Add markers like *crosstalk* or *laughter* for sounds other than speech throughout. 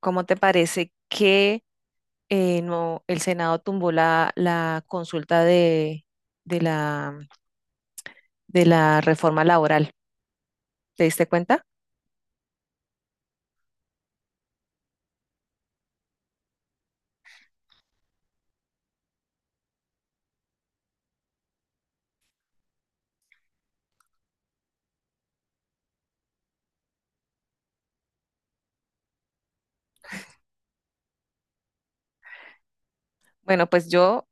¿Cómo te parece que no, el Senado tumbó la consulta de la, de la reforma laboral? ¿Te diste cuenta? Bueno, pues yo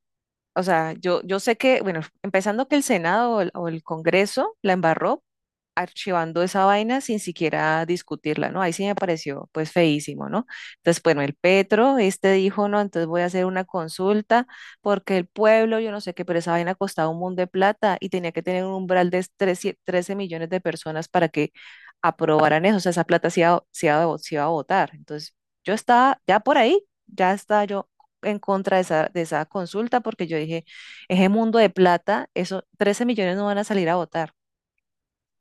O sea, yo sé que, bueno, empezando que el Senado o o el Congreso la embarró archivando esa vaina sin siquiera discutirla, ¿no? Ahí sí me pareció pues feísimo, ¿no? Entonces, bueno, el Petro, este dijo, no, entonces voy a hacer una consulta porque el pueblo, yo no sé qué, pero esa vaina costaba un mundo de plata y tenía que tener un umbral de 13 13 millones de personas para que aprobaran eso. O sea, esa plata se iba se iba a votar. Entonces, yo estaba ya por ahí, ya estaba yo en contra de esa consulta porque yo dije, ese mundo de plata, eso, 13 millones no van a salir a votar,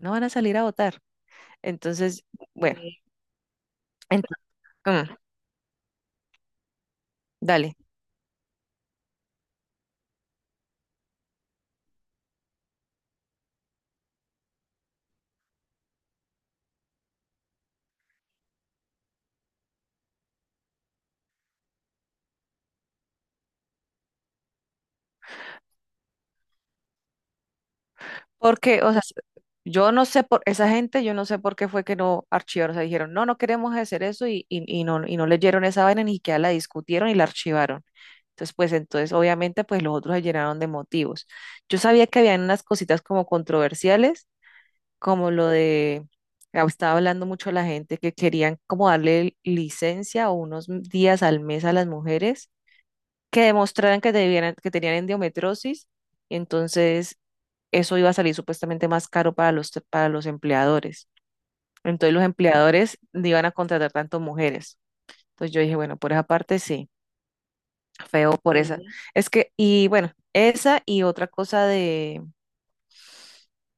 no van a salir a votar. Entonces, bueno, sí. ent- mm, dale. Porque, o sea, yo no sé por esa gente, yo no sé por qué fue que no archivaron, o sea, dijeron, no, no queremos hacer eso y no leyeron esa vaina, ni siquiera la discutieron y la archivaron. Entonces, pues entonces, obviamente, pues los otros se llenaron de motivos. Yo sabía que habían unas cositas como controversiales, como lo de, estaba hablando mucho la gente que querían como darle licencia o unos días al mes a las mujeres que demostraran que, debieran, que tenían endometriosis, y entonces eso iba a salir supuestamente más caro para los empleadores. Entonces los empleadores no iban a contratar tanto mujeres. Entonces yo dije, bueno, por esa parte sí, feo por esa. Sí. Es que, y bueno, esa y otra cosa de,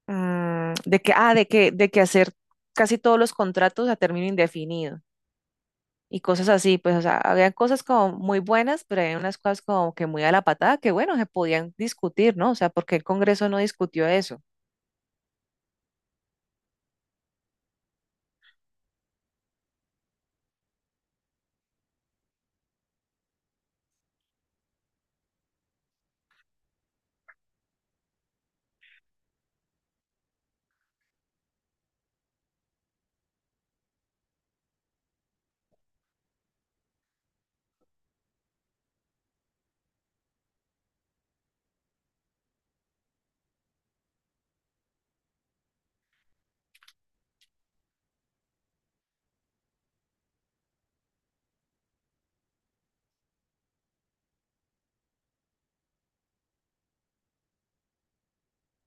de que, de que hacer casi todos los contratos a término indefinido, y cosas así. Pues, o sea, habían cosas como muy buenas, pero había unas cosas como que muy a la patada, que bueno, se podían discutir, ¿no? O sea, ¿porque el Congreso no discutió eso?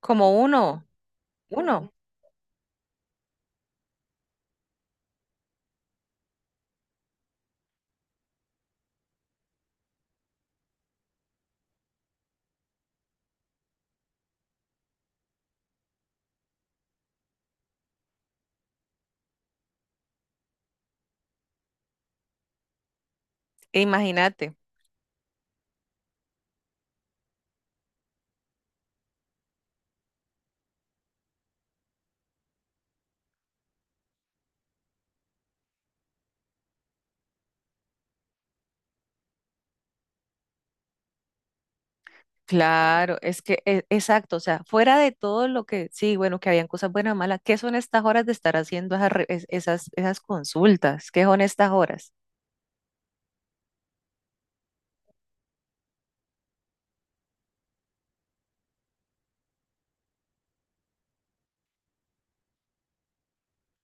Como uno. Uno. E imagínate. Claro, es que, exacto, o sea, fuera de todo lo que, sí, bueno, que habían cosas buenas o malas, ¿qué son estas horas de estar haciendo esas, re- es- esas, esas consultas? ¿Qué son estas horas?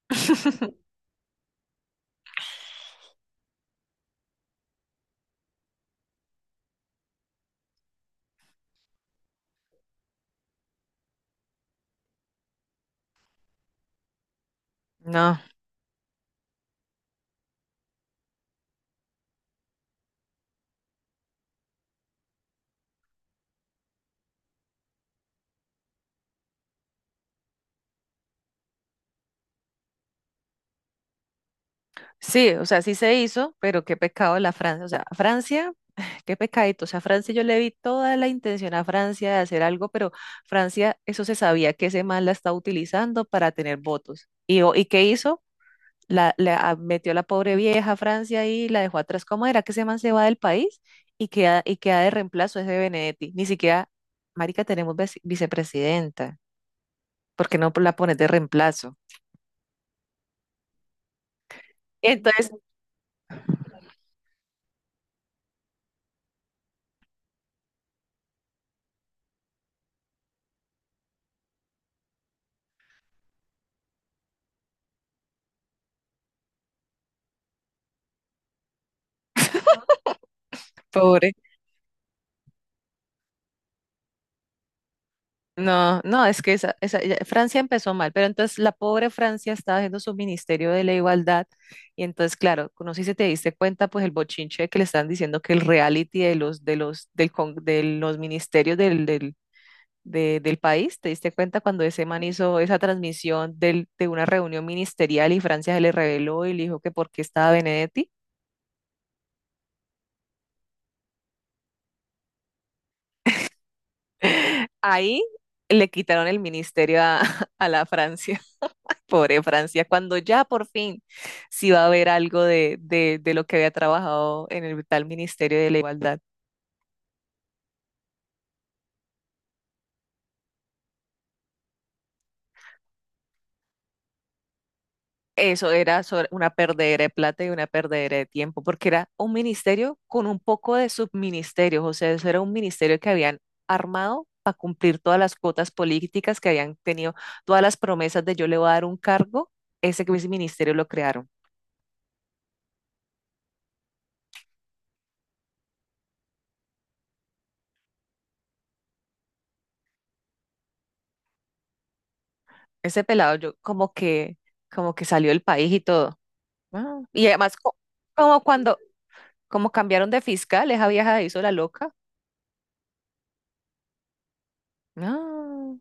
*laughs* No. Sí, o sea, sí se hizo, pero qué pecado la Francia. O sea, Francia, *sighs* qué pecadito. O sea, Francia, yo le vi toda la intención a Francia de hacer algo, pero Francia, eso se sabía que ese man la está utilizando para tener votos. ¿Y qué hizo? Metió a la pobre vieja a Francia y la dejó atrás. ¿Cómo era que ese man se va del país y y queda de reemplazo ese Benedetti? Ni siquiera, marica, tenemos vicepresidenta. ¿Por qué no la pones de reemplazo? Entonces, pobre. No, no, es que Francia empezó mal, pero entonces la pobre Francia estaba haciendo su ministerio de la igualdad. Y entonces, claro, no sé si te diste cuenta, pues el bochinche que le están diciendo, que el reality de los ministerios del país, ¿te diste cuenta cuando ese man hizo esa transmisión de una reunión ministerial y Francia se le reveló y le dijo que por qué estaba Benedetti? *laughs* Ahí le quitaron el ministerio a, *laughs* a la Francia. Pobre Francia, cuando ya por fin sí va a haber algo de lo que había trabajado en el tal Ministerio de la Igualdad. Eso era una perdedera de plata y una perdedera de tiempo, porque era un ministerio con un poco de subministerios. O sea, eso era un ministerio que habían armado para cumplir todas las cuotas políticas que habían tenido, todas las promesas de yo le voy a dar un cargo. Ese ministerio lo crearon. Ese pelado yo como que salió del país y todo. Ah, y además, como cuando, como cambiaron de fiscal, esa vieja se hizo la loca. No,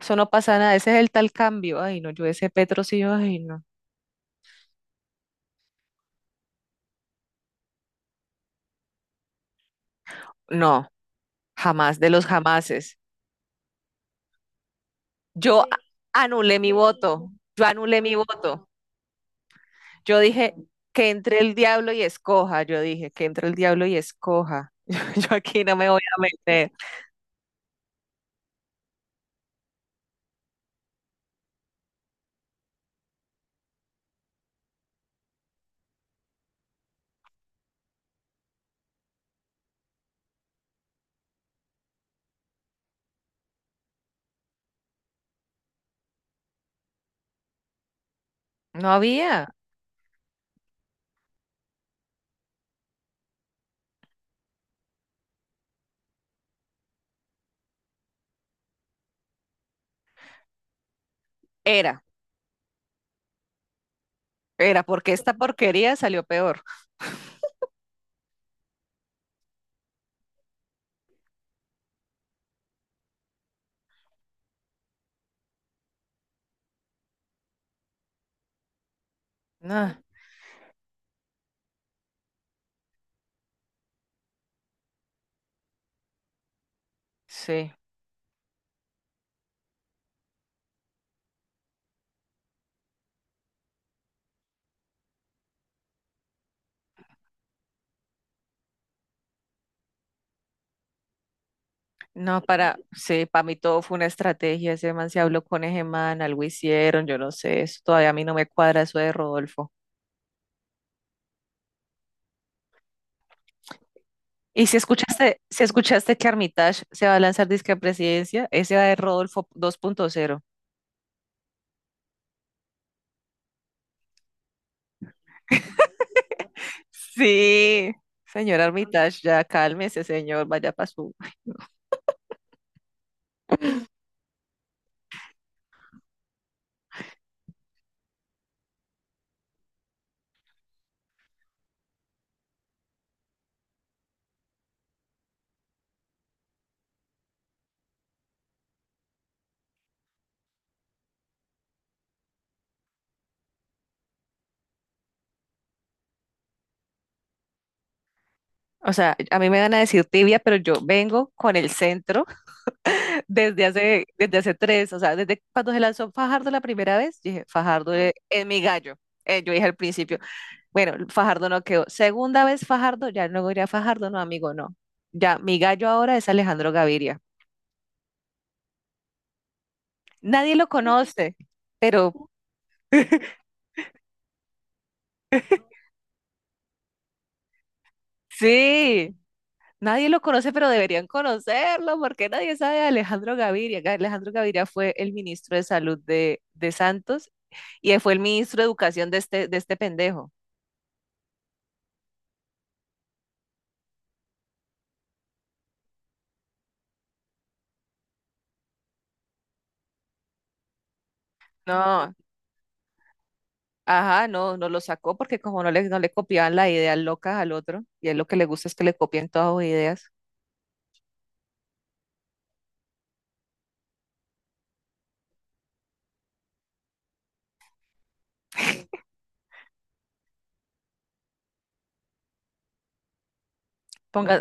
eso no pasa nada, ese es el tal cambio. Ay, no, yo ese Petro sí, ay, no. No, jamás, de los jamases. Sí, anulé mi voto, yo anulé mi voto. Yo dije que entre el diablo y escoja, yo dije que entre el diablo y escoja. *laughs* Yo aquí no me voy a meter. No había, era, era, porque esta porquería salió peor. No, sí. No, sí, para mí todo fue una estrategia. Ese man se habló con ese man, algo hicieron, yo no sé, eso todavía a mí no me cuadra eso de Rodolfo. Y si escuchaste que Armitage se va a lanzar disque a presidencia, ese va de Rodolfo 2.0. Sí, señor Armitage, ya cálmese, señor, vaya para su. O sea, a mí me van a decir tibia, pero yo vengo con el centro *laughs* desde hace tres, o sea, desde cuando se lanzó Fajardo la primera vez, dije, Fajardo es mi gallo. Yo dije al principio. Bueno, Fajardo no quedó. Segunda vez Fajardo, ya luego iría Fajardo, no, amigo, no. Ya, mi gallo ahora es Alejandro Gaviria. Nadie lo conoce, pero *laughs* sí, nadie lo conoce, pero deberían conocerlo, porque nadie sabe de Alejandro Gaviria. Alejandro Gaviria fue el ministro de Salud de Santos y él fue el ministro de Educación de este pendejo. No, ajá, no, no lo sacó porque como no le copiaban las ideas locas al otro, y a él lo que le gusta es que le copien todas sus ideas. Ponga,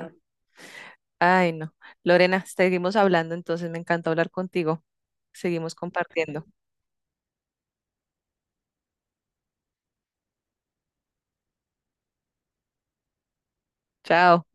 ay, no. Lorena, seguimos hablando, entonces me encanta hablar contigo. Seguimos compartiendo. Chao.